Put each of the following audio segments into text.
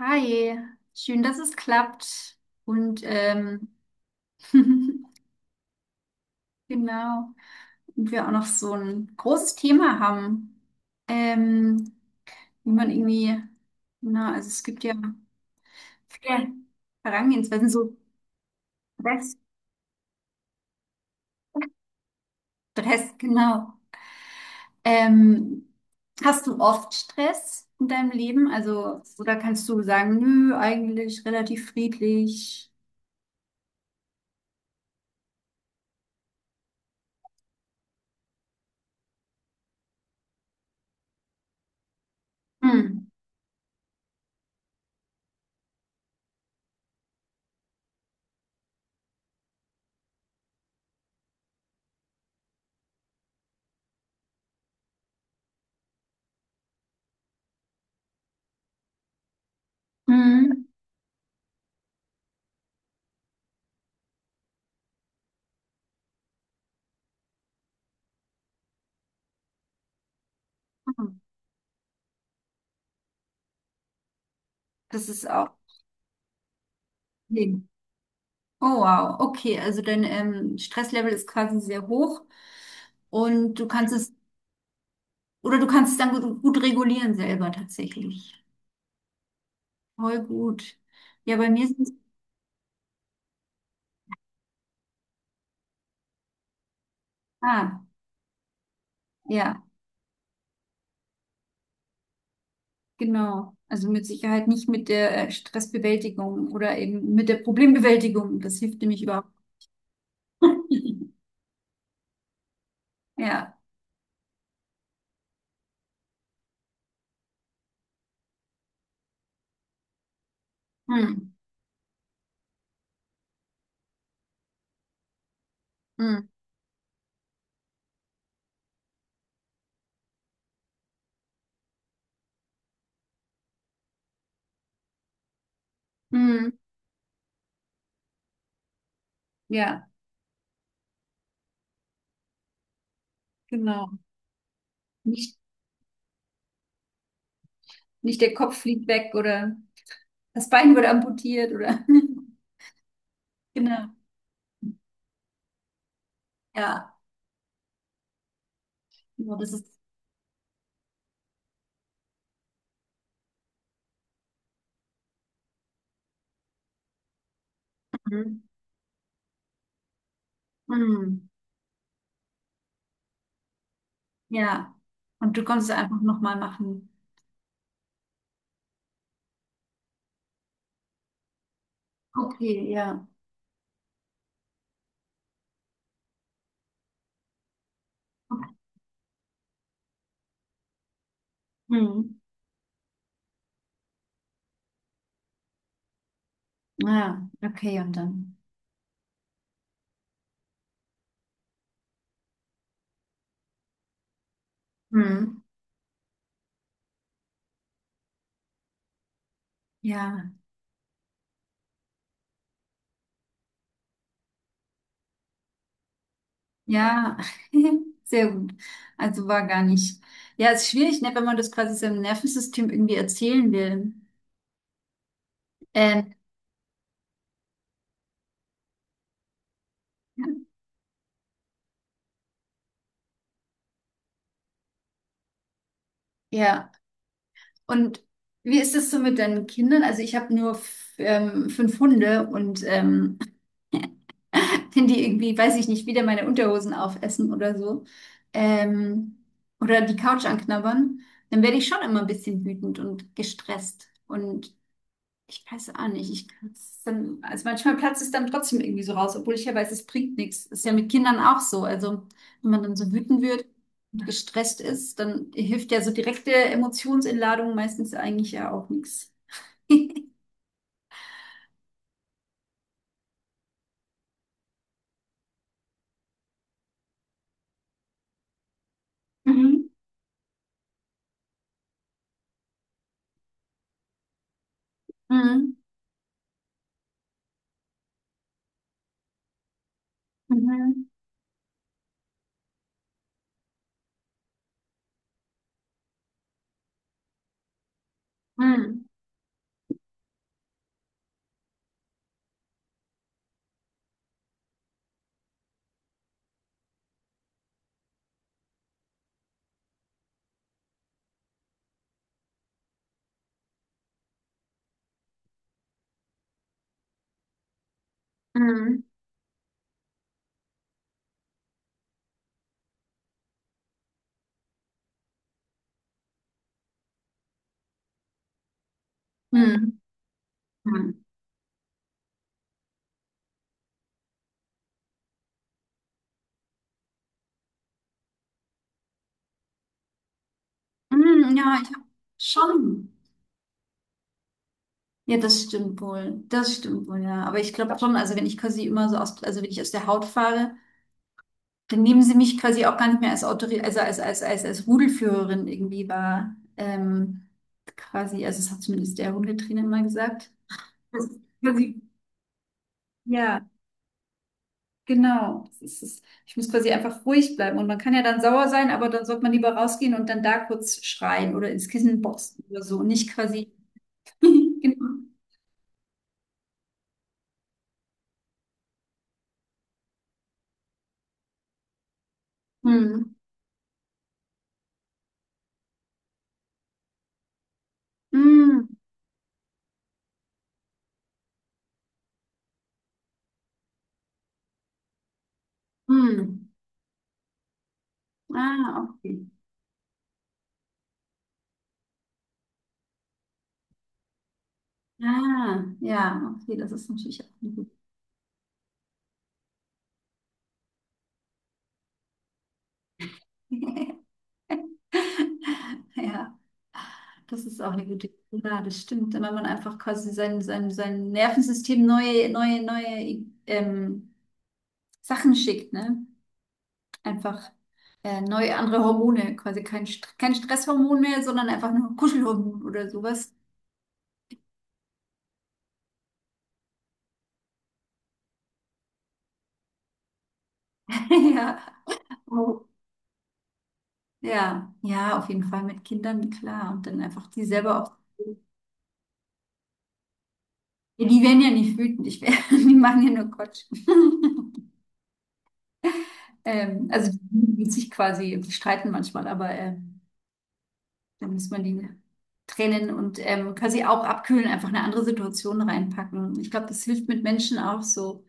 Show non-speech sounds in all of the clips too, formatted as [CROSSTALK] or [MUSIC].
Hi, schön, dass es klappt. Und [LAUGHS] genau, und wir auch noch so ein großes Thema haben, ähm, wie man irgendwie, na, also es gibt ja viele Herangehensweisen, so Stress, Stress, genau. Ähm, hast du oft Stress in deinem Leben? Also, oder kannst du sagen, nö, eigentlich relativ friedlich? Hm. Mhm. Das ist auch. Nee. Oh wow, okay, also dein Stresslevel ist quasi sehr hoch und du kannst es, oder du kannst es dann gut, gut regulieren selber tatsächlich. Voll gut. Ja, bei mir ist es, ah, ja, genau. Also mit Sicherheit nicht mit der Stressbewältigung oder eben mit der Problembewältigung. Das hilft nämlich überhaupt nicht. Ja, hm. Hm. Hm. Ja, genau. Nicht, nicht der Kopf fliegt weg oder das Bein wurde amputiert oder, [LAUGHS] genau. Ja, genau, das ist. Mhm. Mhm. Ja. Und du konntest einfach nochmal machen. Okay, ja. Mhm. Ja, okay, und dann. Mhm. Ja, ja, [LAUGHS] sehr gut. Also war gar nicht. Ja, ist schwierig, ne, wenn man das quasi seinem Nervensystem irgendwie erzählen will. Ähm, ja, Ja. Und wie ist das so mit deinen Kindern? Also ich habe nur fünf Hunde und wenn die irgendwie, weiß ich nicht, wieder meine Unterhosen aufessen oder so, ähm, oder die Couch anknabbern, dann werde ich schon immer ein bisschen wütend und gestresst. Und ich weiß auch nicht, ich kann's dann, also manchmal platzt es dann trotzdem irgendwie so raus, obwohl ich ja weiß, es bringt nichts. Ist ja mit Kindern auch so. Also, wenn man dann so wütend wird und gestresst ist, dann hilft ja so direkte Emotionsentladung meistens eigentlich ja auch nichts. [LAUGHS] Mhm. Mhm. Mhm. Mhm. Mhm. Hm. Mhm. Hm, ja, ich habe schon. Ja, das stimmt wohl. Das stimmt wohl, ja. Aber ich glaube schon, also wenn ich quasi immer so aus, also wenn ich aus der Haut fahre, dann nehmen sie mich quasi auch gar nicht mehr als Autorität, also als Rudelführerin irgendwie war. Quasi, also das hat zumindest der Hundetrainer mal gesagt. Das ist quasi, ja, genau. Das ist, es. Ich muss quasi einfach ruhig bleiben. Und man kann ja dann sauer sein, aber dann sollte man lieber rausgehen und dann da kurz schreien oder ins Kissen boxen oder so. Und nicht quasi. [LAUGHS] Genau. Hm. Mm, mm. Ah, okay. Ah, ja, okay, das ist natürlich auch eine gute [LAUGHS] Ja, das ist auch eine gute Ja, das stimmt. Wenn man einfach quasi sein Nervensystem neue Sachen schickt, ne? Einfach neue andere Hormone, quasi kein Stresshormon mehr, sondern einfach nur Kuschelhormon oder sowas. [LAUGHS] Ja. Oh. Ja, ja, auf jeden Fall mit Kindern, klar. Und dann einfach die selber auch Ja, die werden ja nicht wütend, ich wär, [LAUGHS] die machen ja nur Quatsch. [LAUGHS] Also die lieben sich quasi, die streiten manchmal, aber da muss man die trennen und quasi auch abkühlen, einfach eine andere Situation reinpacken. Ich glaube, das hilft mit Menschen auch so.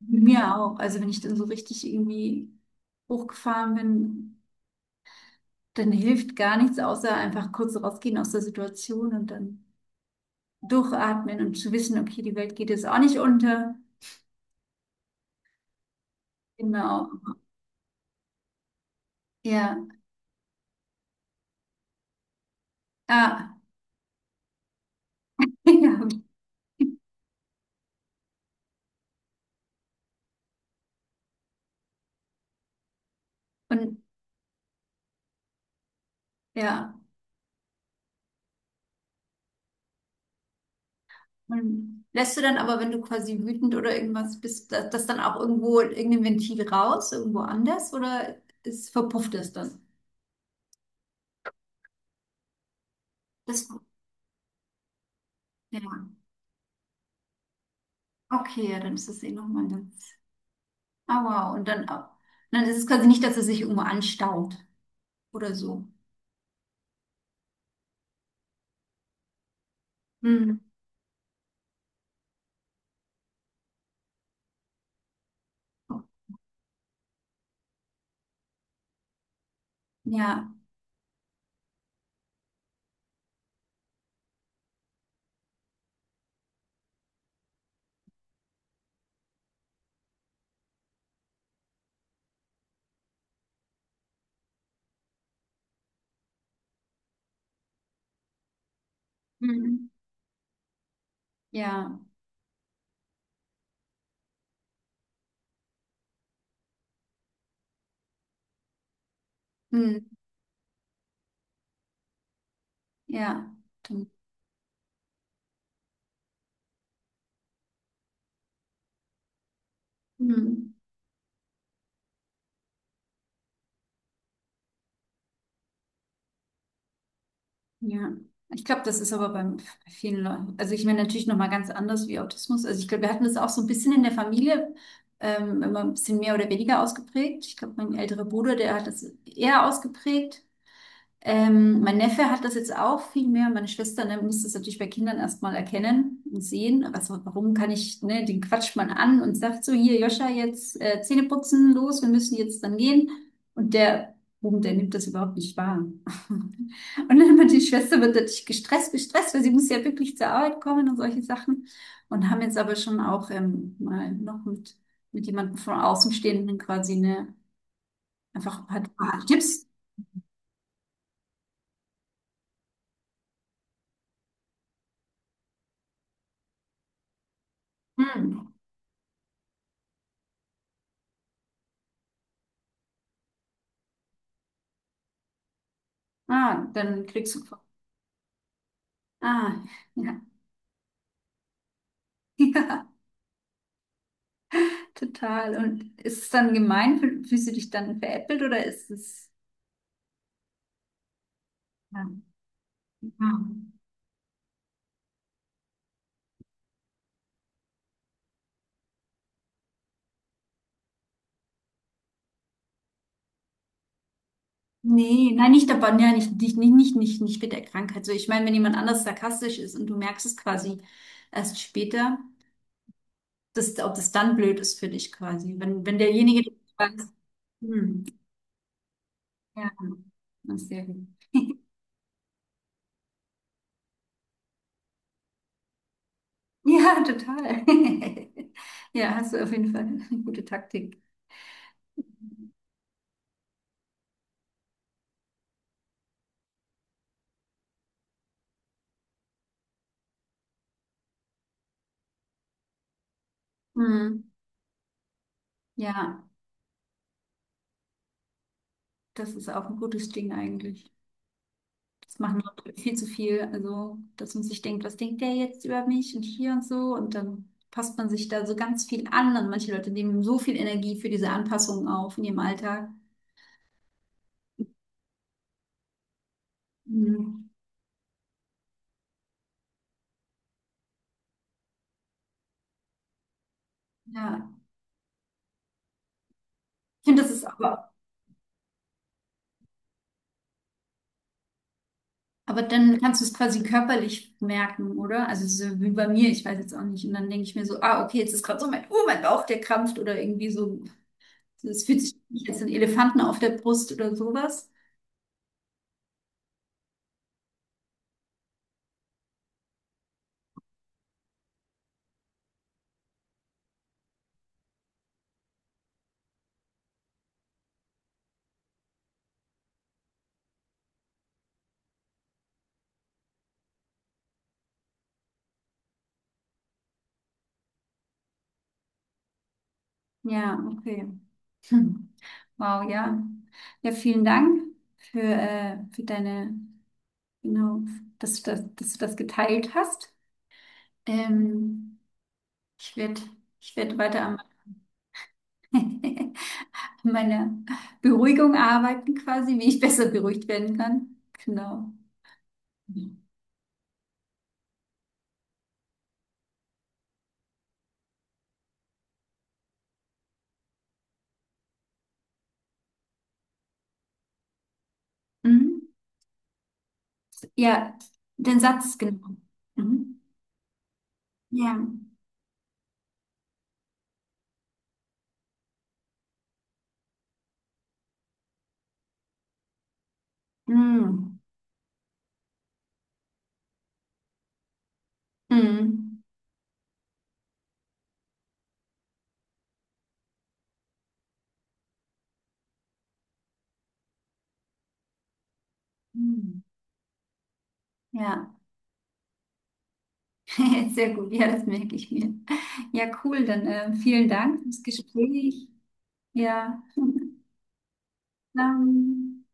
Mit Mir auch. Also wenn ich dann so richtig irgendwie hochgefahren bin, dann hilft gar nichts, außer einfach kurz rausgehen aus der Situation und dann durchatmen und zu wissen, okay, die Welt geht jetzt auch nicht unter. Genau. Ja. Ah. [LAUGHS] Ja. Und ja, und lässt du dann aber, wenn du quasi wütend oder irgendwas bist, das, das dann auch irgendwo irgendein Ventil raus, irgendwo anders oder ist, verpufft es dann? Das, ja, okay, ja, dann ist das eh nochmal ganz. Ah, wow, und dann auch. Dann ist es quasi nicht, dass es sich irgendwo anstaut oder so. Hm. Ja, hm. Ja, hm. Ja, Dann- hm. Ja, ich glaube, das ist aber beim, bei vielen Leuten, also ich meine natürlich nochmal ganz anders wie Autismus. Also ich glaube, wir hatten das auch so ein bisschen in der Familie, immer ein bisschen mehr oder weniger ausgeprägt. Ich glaube, mein älterer Bruder, der hat das eher ausgeprägt. Mein Neffe hat das jetzt auch viel mehr. Meine Schwester, ne, muss das natürlich bei Kindern erstmal erkennen und sehen. Warum kann ich, ne, den quatscht man an und sagt so, hier, Joscha, jetzt Zähne putzen, los, wir müssen jetzt dann gehen. Und der Buben, der nimmt das überhaupt nicht wahr. [LAUGHS] Und dann wird die Schwester wird natürlich gestresst, gestresst, weil sie muss ja wirklich zur Arbeit kommen und solche Sachen. Und haben jetzt aber schon auch mal noch mit, jemandem von Außenstehenden quasi, ne, einfach ein paar Tipps. Hm. Ah, dann kriegst du. Ah, ja. [LAUGHS] Ja, total. Und ist es dann gemein? Fühlst du dich dann veräppelt oder ist es. Ja. Ah. Nee, nein, nicht dabei, ja, nicht, nicht, nicht, nicht, nicht, nicht mit der Krankheit. So, ich meine, wenn jemand anders sarkastisch ist und du merkst es quasi erst später, ob das dann blöd ist für dich quasi. Wenn, wenn derjenige sagt, hm, ja, das ist sehr gut. Ja, total. [LAUGHS] Ja, hast du auf jeden Fall eine gute Taktik. Mhm. Ja. Das ist auch ein gutes Ding eigentlich. Das machen Leute viel zu viel. Also, dass man sich denkt, was denkt der jetzt über mich und hier und so. Und dann passt man sich da so ganz viel an. Und manche Leute nehmen so viel Energie für diese Anpassungen auf in ihrem Alltag. Mhm. Ja, ich finde, das ist aber dann kannst du es quasi körperlich merken, oder? Also, so wie bei mir, ich weiß jetzt auch nicht. Und dann denke ich mir so, ah, okay, jetzt ist gerade so mein, oh, mein Bauch, der krampft oder irgendwie so. Es fühlt sich nicht als ein Elefanten auf der Brust oder sowas. Ja, okay. Hm. Wow, ja. Ja, vielen Dank für deine, genau, dass du das geteilt hast. Ähm, ich werde ich werd weiter an [LAUGHS] an meiner Beruhigung arbeiten, quasi, wie ich besser beruhigt werden kann. Genau. Mhm. Ja, den Satz, genau. Mhm. Ja. Mhm. Mhm. Mhm. Ja, [LAUGHS] sehr gut. Ja, das merke ich mir. Ja, cool. Dann vielen Dank fürs Gespräch. Ja, dann